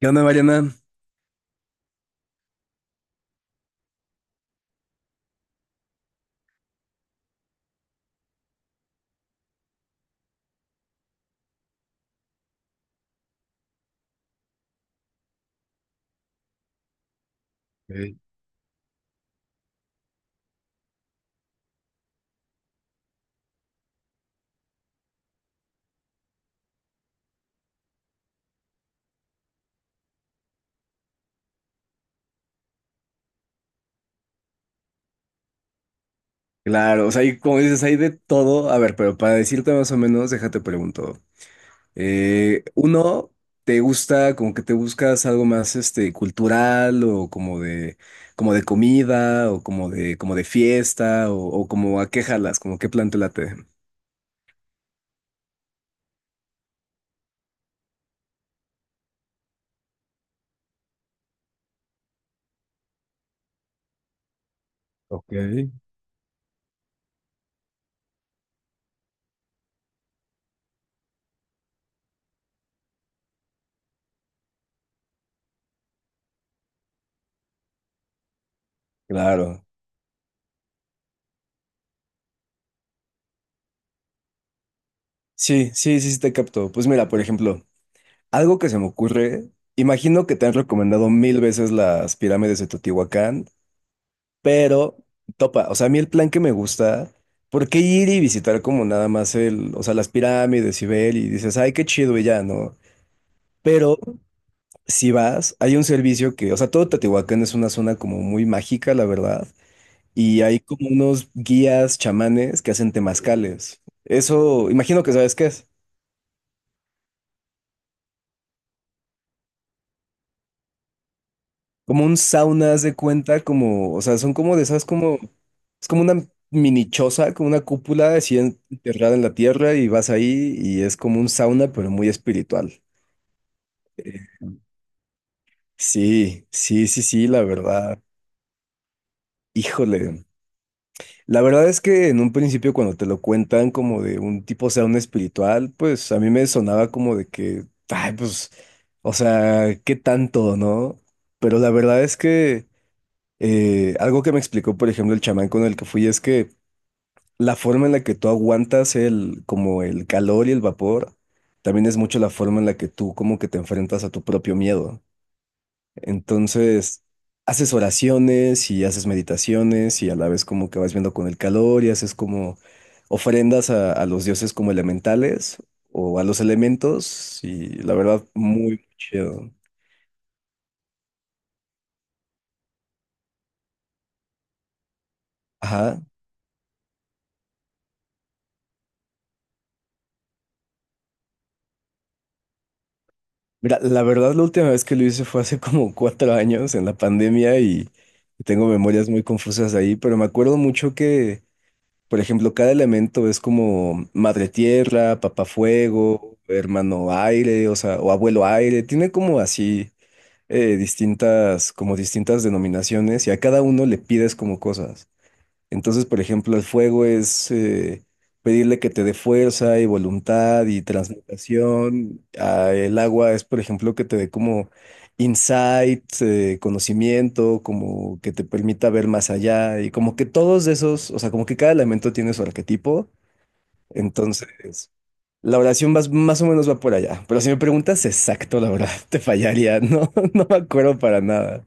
¿Qué onda, Mariana? Ey. Claro, o sea, hay, como dices, hay de todo. A ver, pero para decirte más o menos, déjate pregunto. Uno, ¿te gusta, como que te buscas algo más, cultural o como de comida o como de fiesta o como a qué jalas, como qué plan te late? Ok, claro. Sí, sí, sí, sí te capto. Pues mira, por ejemplo, algo que se me ocurre, imagino que te han recomendado mil veces las pirámides de Teotihuacán. Pero topa, o sea, a mí el plan que me gusta, ¿por qué ir y visitar como nada más o sea, las pirámides y ver y dices, ay, qué chido y ya, ¿no? Pero si vas, hay un servicio que, o sea, todo Teotihuacán es una zona como muy mágica, la verdad, y hay como unos guías chamanes que hacen temazcales. Eso, imagino que sabes qué es. Como un sauna, haz de cuenta, como, o sea, son como de esas, como, es como una mini choza, como una cúpula así enterrada en la tierra y vas ahí y es como un sauna, pero muy espiritual. Eh, Sí, sí, sí, sí, la verdad. Híjole. La verdad es que en un principio cuando te lo cuentan como de un tipo sauna espiritual, pues a mí me sonaba como de que, ay, pues, o sea, ¿qué tanto, no? Pero la verdad es que algo que me explicó, por ejemplo, el chamán con el que fui es que la forma en la que tú aguantas el, como el calor y el vapor, también es mucho la forma en la que tú como que te enfrentas a tu propio miedo. Entonces, haces oraciones y haces meditaciones y a la vez como que vas viendo con el calor y haces como ofrendas a los dioses como elementales o a los elementos y la verdad, muy chido. Ajá. Mira, la verdad, la última vez que lo hice fue hace como 4 años en la pandemia y tengo memorias muy confusas de ahí, pero me acuerdo mucho que, por ejemplo, cada elemento es como madre tierra, papá fuego, hermano aire, o sea, o abuelo aire, tiene como así distintas, como distintas denominaciones y a cada uno le pides como cosas. Entonces, por ejemplo, el fuego es pedirle que te dé fuerza y voluntad y transmutación. Ah, el agua es, por ejemplo, que te dé como insight, conocimiento, como que te permita ver más allá y como que todos esos, o sea, como que cada elemento tiene su arquetipo. Entonces, la oración más, más o menos va por allá. Pero si me preguntas exacto, la verdad, te fallaría. No, no me acuerdo para nada.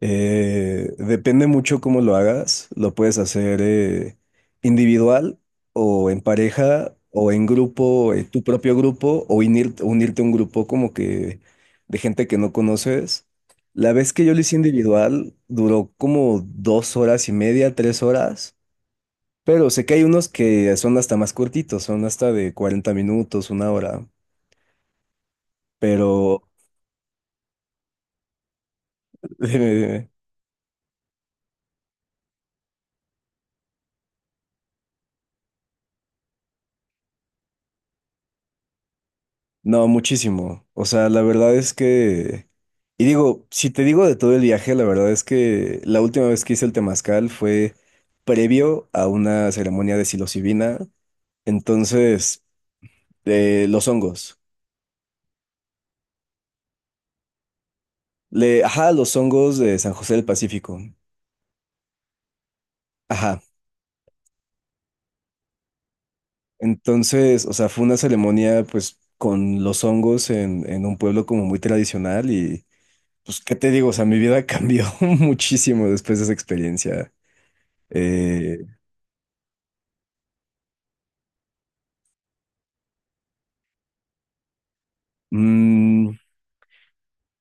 Depende mucho cómo lo hagas. Lo puedes hacer individual o en pareja o en grupo, tu propio grupo o unirte a un grupo como que de gente que no conoces. La vez que yo lo hice individual duró como 2 horas y media, 3 horas, pero sé que hay unos que son hasta más cortitos, son hasta de 40 minutos, una hora, pero No, muchísimo. O sea, la verdad es que... Y digo, si te digo de todo el viaje, la verdad es que la última vez que hice el temazcal fue previo a una ceremonia de psilocibina. Entonces, los hongos. Le, ajá, los hongos de San José del Pacífico. Ajá. Entonces, o sea, fue una ceremonia pues con los hongos en un pueblo como muy tradicional y pues, ¿qué te digo? O sea, mi vida cambió muchísimo después de esa experiencia. eh, Mm,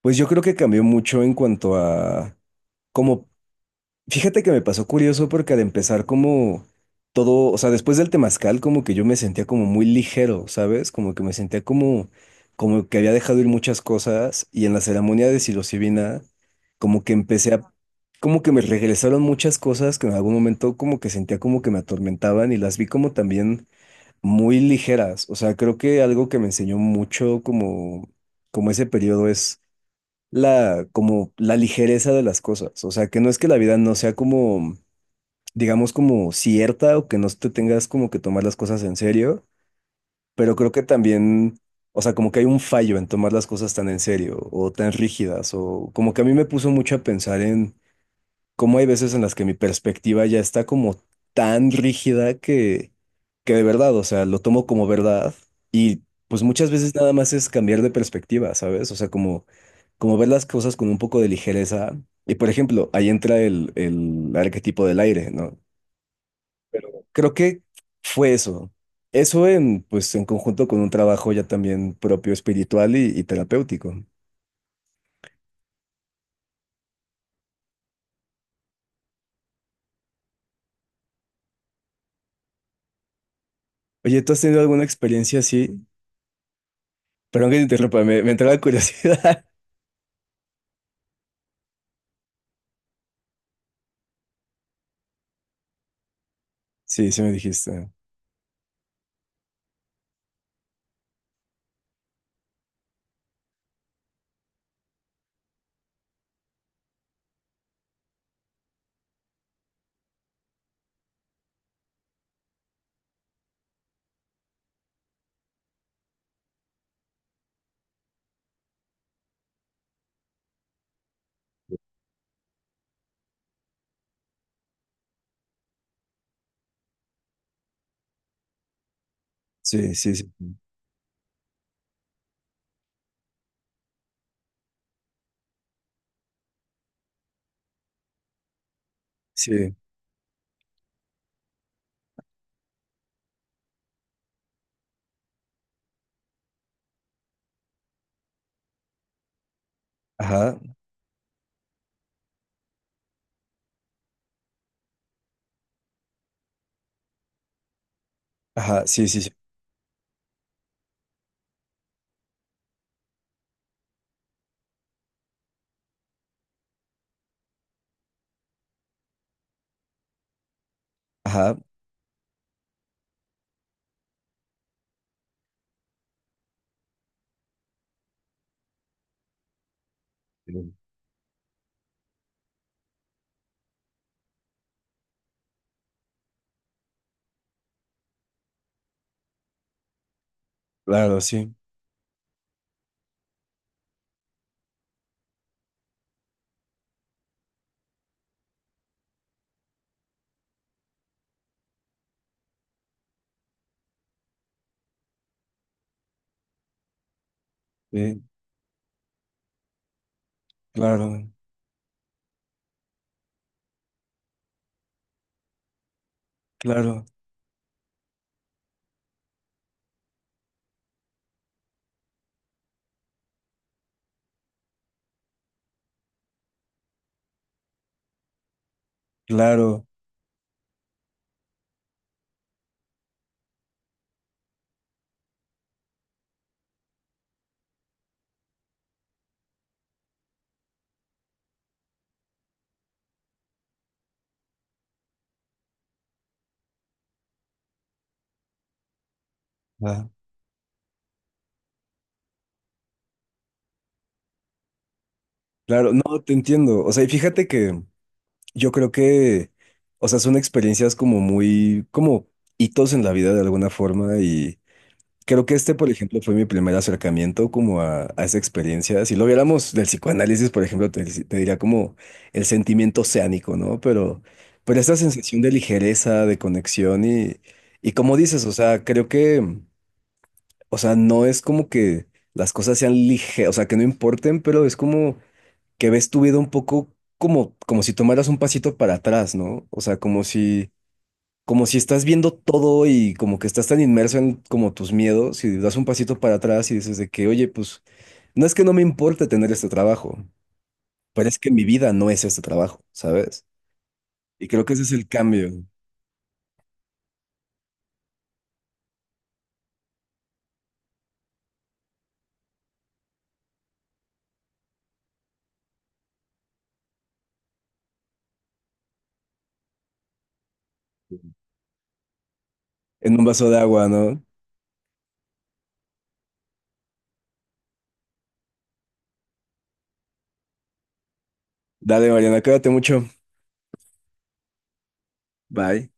pues yo creo que cambió mucho en cuanto a, como, fíjate que me pasó curioso porque al empezar como todo, o sea, después del temazcal como que yo me sentía como muy ligero, ¿sabes? Como que me sentía como, como que había dejado ir muchas cosas y en la ceremonia de psilocibina como que empecé a, como que me regresaron muchas cosas que en algún momento como que sentía como que me atormentaban y las vi como también muy ligeras, o sea, creo que algo que me enseñó mucho como ese periodo es la, como la ligereza de las cosas. O sea, que no es que la vida no sea como, digamos, como cierta o que no te tengas como que tomar las cosas en serio, pero creo que también, o sea, como que hay un fallo en tomar las cosas tan en serio o tan rígidas o como que a mí me puso mucho a pensar en como hay veces en las que mi perspectiva ya está como tan rígida que de verdad, o sea, lo tomo como verdad y pues muchas veces nada más es cambiar de perspectiva, ¿sabes? O sea, como, como ver las cosas con un poco de ligereza. Y por ejemplo, ahí entra el arquetipo del aire, ¿no? Pero creo que fue eso. Eso en, pues, en conjunto con un trabajo ya también propio espiritual y terapéutico. Oye, ¿tú has tenido alguna experiencia así? Perdón que te interrumpa, me entró la curiosidad. Sí, sí me dijiste. Sí, sí, sí. Sí. Ajá, ajá, sí, sí, sí. Ajá. Sí. Claro, sí. Sí, claro, claro, claro. Ajá, claro, no, te entiendo. O sea, y fíjate que yo creo que, o sea, son experiencias como muy, como hitos en la vida de alguna forma. Creo que este, por ejemplo, fue mi primer acercamiento como a esa experiencia. Si lo viéramos del psicoanálisis, por ejemplo, te diría como el sentimiento oceánico, ¿no? Pero esta sensación de ligereza, de conexión y como dices, o sea, creo que, o sea, no es como que las cosas sean ligeras, o sea, que no importen, pero es como que ves tu vida un poco como, como si tomaras un pasito para atrás, ¿no? O sea, como si estás viendo todo y como que estás tan inmerso en como tus miedos y das un pasito para atrás y dices de que, oye, pues no es que no me importe tener este trabajo, pero es que mi vida no es este trabajo, ¿sabes? Y creo que ese es el cambio en un vaso de agua, ¿no? Dale, Mariana, cuídate mucho. Bye.